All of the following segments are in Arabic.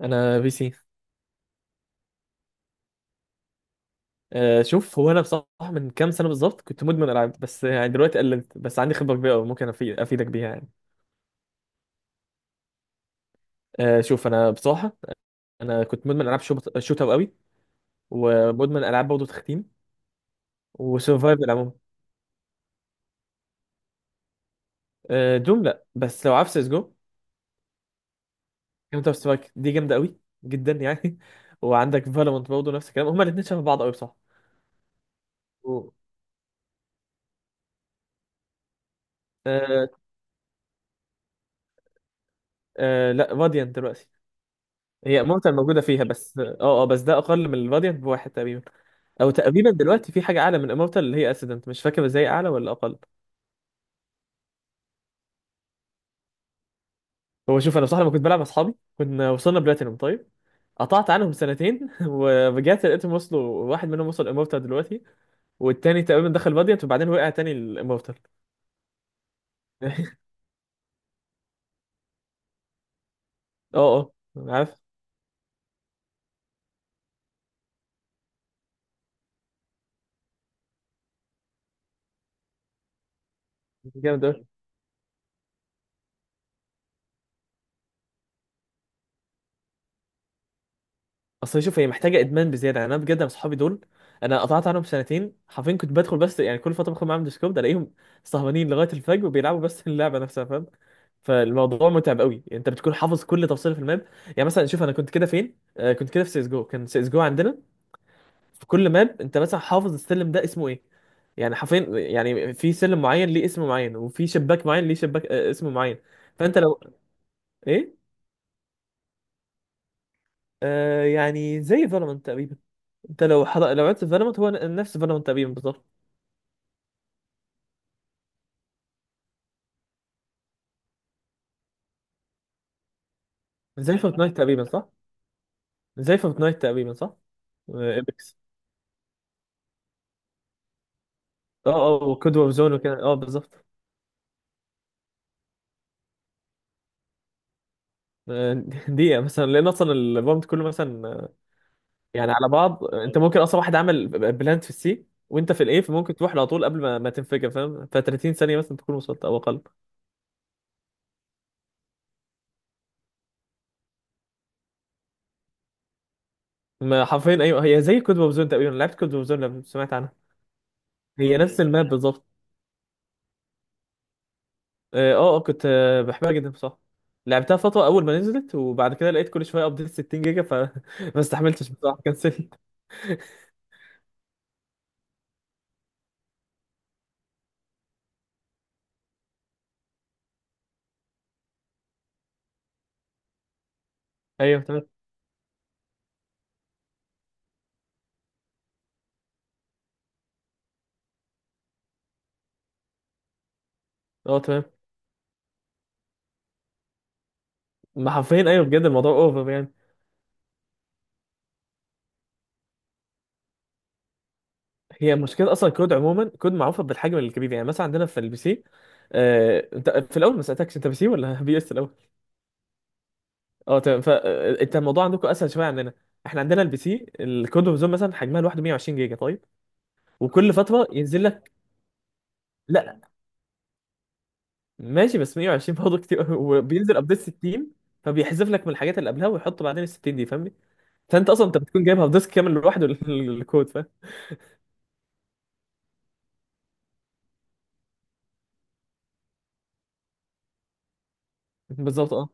انا بي سي. شوف هو انا بصراحه من كام سنه بالظبط كنت مدمن العاب، بس يعني دلوقتي قللت. بس عندي خبره كبيره أوي ممكن افيدك بيها يعني. شوف انا بصراحه انا كنت مدمن العاب شوت أوت قوي، ومدمن العاب برضه تختيم وسرفايفل عموما. دوم لا، بس لو عارف سيس جو كاونتر سترايك دي جامده قوي جدا يعني. وعندك فالورانت برضه نفس الكلام، هما الاثنين شبه بعض قوي بصراحه. و- آه، لا، فاديانت دلوقتي. هي مورتال موجوده فيها، بس بس ده اقل من الفاديانت بواحد تقريبا. او تقريبا دلوقتي في حاجه اعلى من امورتال اللي هي اسيدنت، مش فاكر ازاي اعلى ولا اقل. هو شوف انا بصراحه لما كنت بلعب مع اصحابي كنا وصلنا بلاتينوم. طيب، قطعت عنهم سنتين ورجعت لقيتهم وصلوا، واحد منهم وصل امورتال دلوقتي، والتاني تقريبا دخل فالديانت وبعدين وقع تاني الامورتال. اه اه عارف. جامد اوي. اصل شوف هي محتاجه ادمان بزياده يعني. انا بجد انا اصحابي دول، انا قطعت عنهم سنتين حرفيا، كنت بدخل بس يعني كل فتره بدخل معاهم ديسكورد الاقيهم سهرانين لغايه الفجر وبيلعبوا بس. اللعبه نفسها فاهم، فالموضوع متعب قوي، انت بتكون حافظ كل تفصيله في الماب. يعني مثلا شوف انا كنت كده فين، آه كنت كده في سيس جو، كان سيس جو عندنا في كل ماب انت مثلا حافظ السلم ده اسمه ايه. يعني حرفيا يعني في سلم معين ليه اسم معين، وفي شباك معين ليه شباك آه اسم معين. فانت لو ايه، آه يعني زي فالورانت تقريبا. انت لو عدت فالورانت هو نفس فالورانت تقريبا بالظبط. زي فورتنايت تقريبا صح؟ زي فورتنايت تقريبا صح. ايبكس. اه. اه وكود وور زون وكده، اه بالظبط. آه، دقيقة مثلا، لأن أصلا البامب كله مثلا، يعني على بعض أنت ممكن أصلا واحد عمل بلانت في السي وأنت في الإيه، فممكن تروح له على طول قبل ما تنفجر فاهم. ف 30 ثانية مثلا تكون وصلت أو أقل. ما حرفيا أيوه، هي زي كود ووب زون تقريبا، لعبت كود ووب زون لو سمعت عنها؟ هي نفس الماب بالظبط. أه آه، كنت بحبها جدا بصراحة، لعبتها فترة أول ما نزلت، وبعد كده لقيت كل شوية أبديت 60 جيجا فما استحملتش بصراحة، كنسلت. أيوه تمام. أه تمام. ما حرفيا أيوه، بجد الموضوع أوفر يعني. هي مشكلة أصلا كود، عموما كود معروفة بالحجم الكبير، يعني مثلا عندنا في البي سي. أنت في الأول ما سألتكش، أنت بي سي ولا بي إس الأول؟ أه تمام، فأنت الموضوع عندكم أسهل شوية عندنا. إحنا عندنا البي سي الكود اوف زون مثلا حجمها لوحده 120 جيجا طيب، وكل فترة ينزل لك. لا ماشي، بس 120 برضه كتير أوي. وبينزل أبديت 60، فبيحذف لك من الحاجات اللي قبلها ويحط بعدين ال 60 دي، فاهمني؟ فأنت أصلا أنت بتكون جايبها في ديسك كامل لوحده الكود، فاهم؟ بالظبط أه.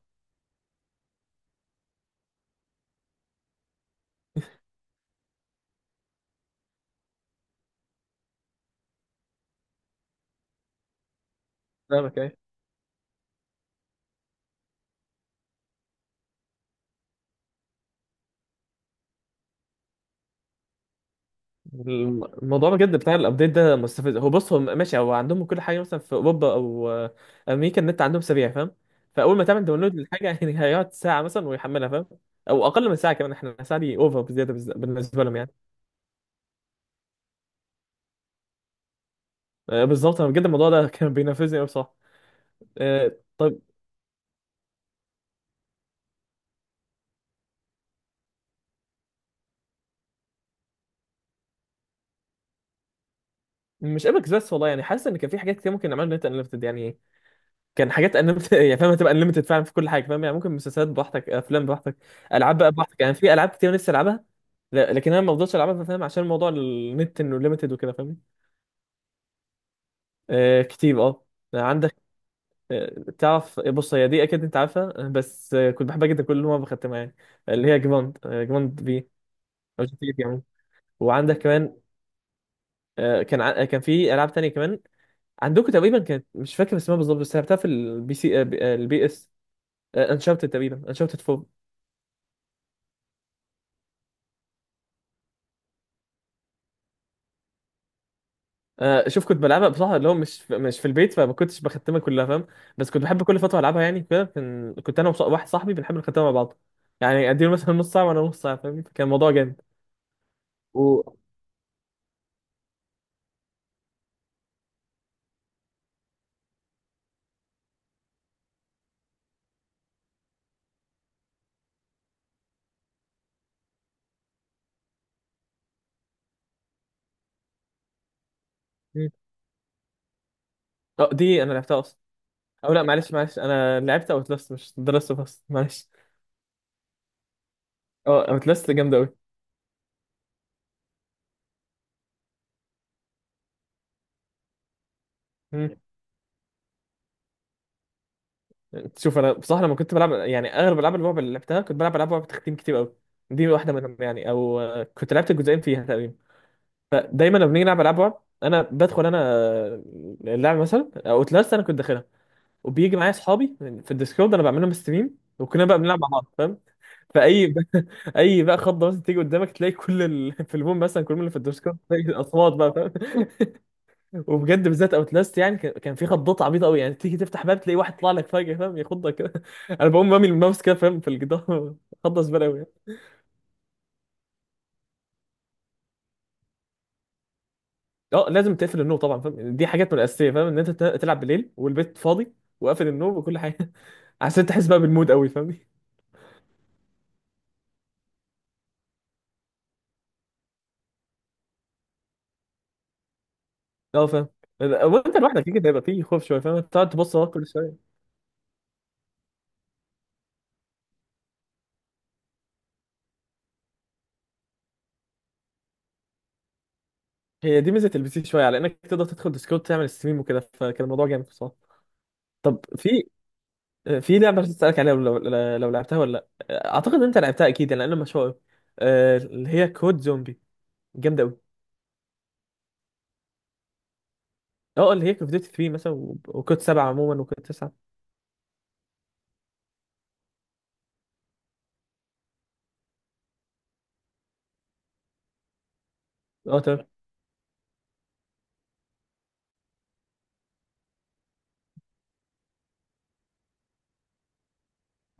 فاهمك أيوة. الموضوع بجد بتاع الابديت ده مستفز. هو بص هو ماشي، هو عندهم كل حاجه، مثلا في اوروبا او امريكا النت عندهم سريع فاهم، فاول ما تعمل داونلود للحاجه يعني هيقعد ساعه مثلا ويحملها فاهم، او اقل من ساعه كمان. احنا ساعه دي اوفر بزياده بالنسبه لهم يعني. بالظبط، انا بجد الموضوع ده كان بينرفزني قوي بصراحه. طيب، مش ابك بس والله، يعني حاسس ان كان في حاجات كتير ممكن نعملها نت انليمتد يعني. كان حاجات انليمتد يعني فاهم، هتبقى انليمتد فعلا في كل حاجه فاهم، يعني ممكن مسلسلات براحتك، افلام براحتك، العاب بقى براحتك. يعني في العاب كتير نفسي العبها، لكن انا ما بفضلش العبها فاهم، عشان موضوع النت انه ليميتد وكده فاهمني. آه كتير اه. عندك تعرف بص هي دي اكيد انت عارفها، بس آه كنت بحبها جدا كل مره بختمها يعني، اللي هي جراند جراند بي، او جي تي يعني. وعندك كمان كان كان في العاب تانية كمان عندكم تقريبا، كانت مش فاكر اسمها بالظبط، بس لعبتها في البي سي آه البي اس. انشارتد تقريبا، انشارتد. شوف كنت بلعبها بصراحه، اللي هو مش في البيت، فما كنتش بختمها كلها فاهم، بس كنت بحب كل فتره العبها. يعني كده كنت انا واحد صاحبي بنحب نختمها مع بعض، يعني اديله مثلا نص ساعه وانا نص ساعه فاهم، كان الموضوع جامد. و... مم. اه دي انا لعبتها اصلا. او لا معلش معلش انا لعبت اوت لاست، مش درست بس معلش. اه اوت لاست جامده قوي. مم. شوف انا بصراحه لما كنت بلعب يعني اغلب العاب الرعب اللي لعبتها كنت بلعب العاب رعب تختيم كتير قوي، دي واحده منهم يعني. او كنت لعبت الجزئين فيها تقريبا. فدايما لما بنيجي نلعب العاب رعب انا بدخل انا، اللعب مثلا اوتلاست انا كنت داخلها، وبيجي معايا اصحابي في الديسكورد انا بعمل لهم ستريم، وكنا بقى بنلعب مع بعض فاهم. فاي اي بقى خضه مثلا تيجي قدامك، في البوم مثلا كل اللي في الديسكورد تلاقي الاصوات بقى فاهم. وبجد بالذات اوتلاست يعني كان في خضات عبيطه قوي، يعني تيجي تفتح باب تلاقي واحد طلع لك فجاه فاهم، يخضك كده انا بقوم رامي الماوس كده فاهم في الجدار. خضه زباله قوي. اه لازم تقفل النور طبعا فاهم، دي حاجات من الاساسيه فاهم، ان انت تلعب بالليل والبيت فاضي وقافل النور وكل حاجه، عشان تحس بقى بالمود قوي فاهم. اه فاهم. وانت لوحدك كده هيبقى فيه خوف شويه فاهم، تقعد تبص وراك كل شويه. هي دي ميزه البي سي شويه، على انك تقدر تدخل ديسكورد تعمل ستريم وكده، فكان الموضوع جامد بصراحه. طب في في لعبه عايز اسالك عليها، لو لعبتها ولا لا. اعتقد ان انت لعبتها اكيد لان انا مشهور، اللي هي كود زومبي، جامده قوي. اه اللي هي كود ديوتي 3 مثلا وكود 7 عموما وكود 9. اه تمام.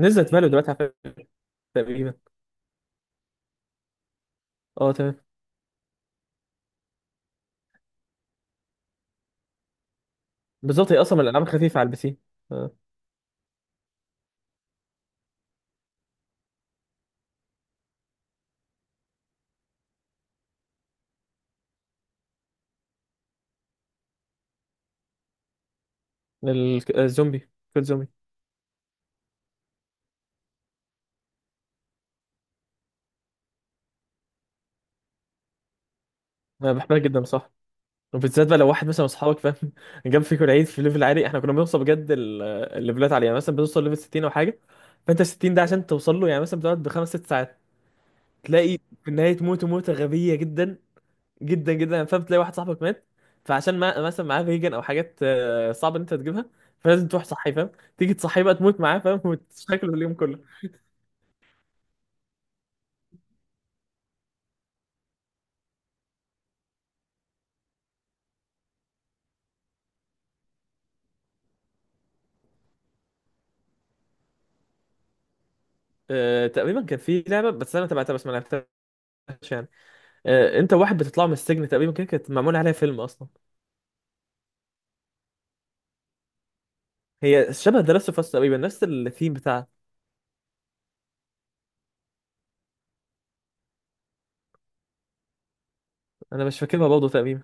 نزلت فالو دلوقتي على فكره. تقريبا. اه تمام. بالظبط، هي اصلا من الالعاب الخفيفه على البي سي. آه، الزومبي كود زومبي انا بحبها جدا صح، وبالذات بقى لو واحد مثلا من اصحابك فاهم جاب فيكم العيد في ليفل عالي. احنا كنا بنوصل بجد الليفلات عاليه، يعني مثلا بنوصل ليفل 60 او حاجه. فانت 60 ده عشان توصل له يعني مثلا بتقعد بخمس ست ساعات، تلاقي في النهايه تموت موته غبيه جدا جدا جدا يعني فاهم. تلاقي واحد صاحبك مات، فعشان ما مثلا معاه فيجن او حاجات صعب ان انت تجيبها، فلازم تروح صحي فاهم، تيجي تصحي بقى تموت معاه فاهم. وتشكله اليوم كله. تقريبا كان في لعبه بس انا تبعتها بس ما لعبتهاش يعني، انت واحد بتطلع من السجن تقريبا كده، كانت معمول عليها فيلم اصلا. هي شبه ذا لاست اوف اس تقريبا، نفس الثيم بتاعها. انا مش فاكرها برضه تقريبا.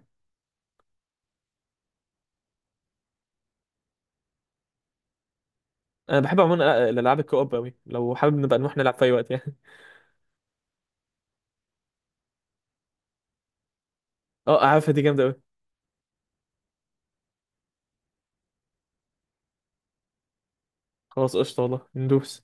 انا بحب عموما الالعاب الكوب قوي، لو حابب نبقى نروح نلعب في اي وقت يعني. اه عارفها دي جامده قوي. خلاص قشطه والله ندوس.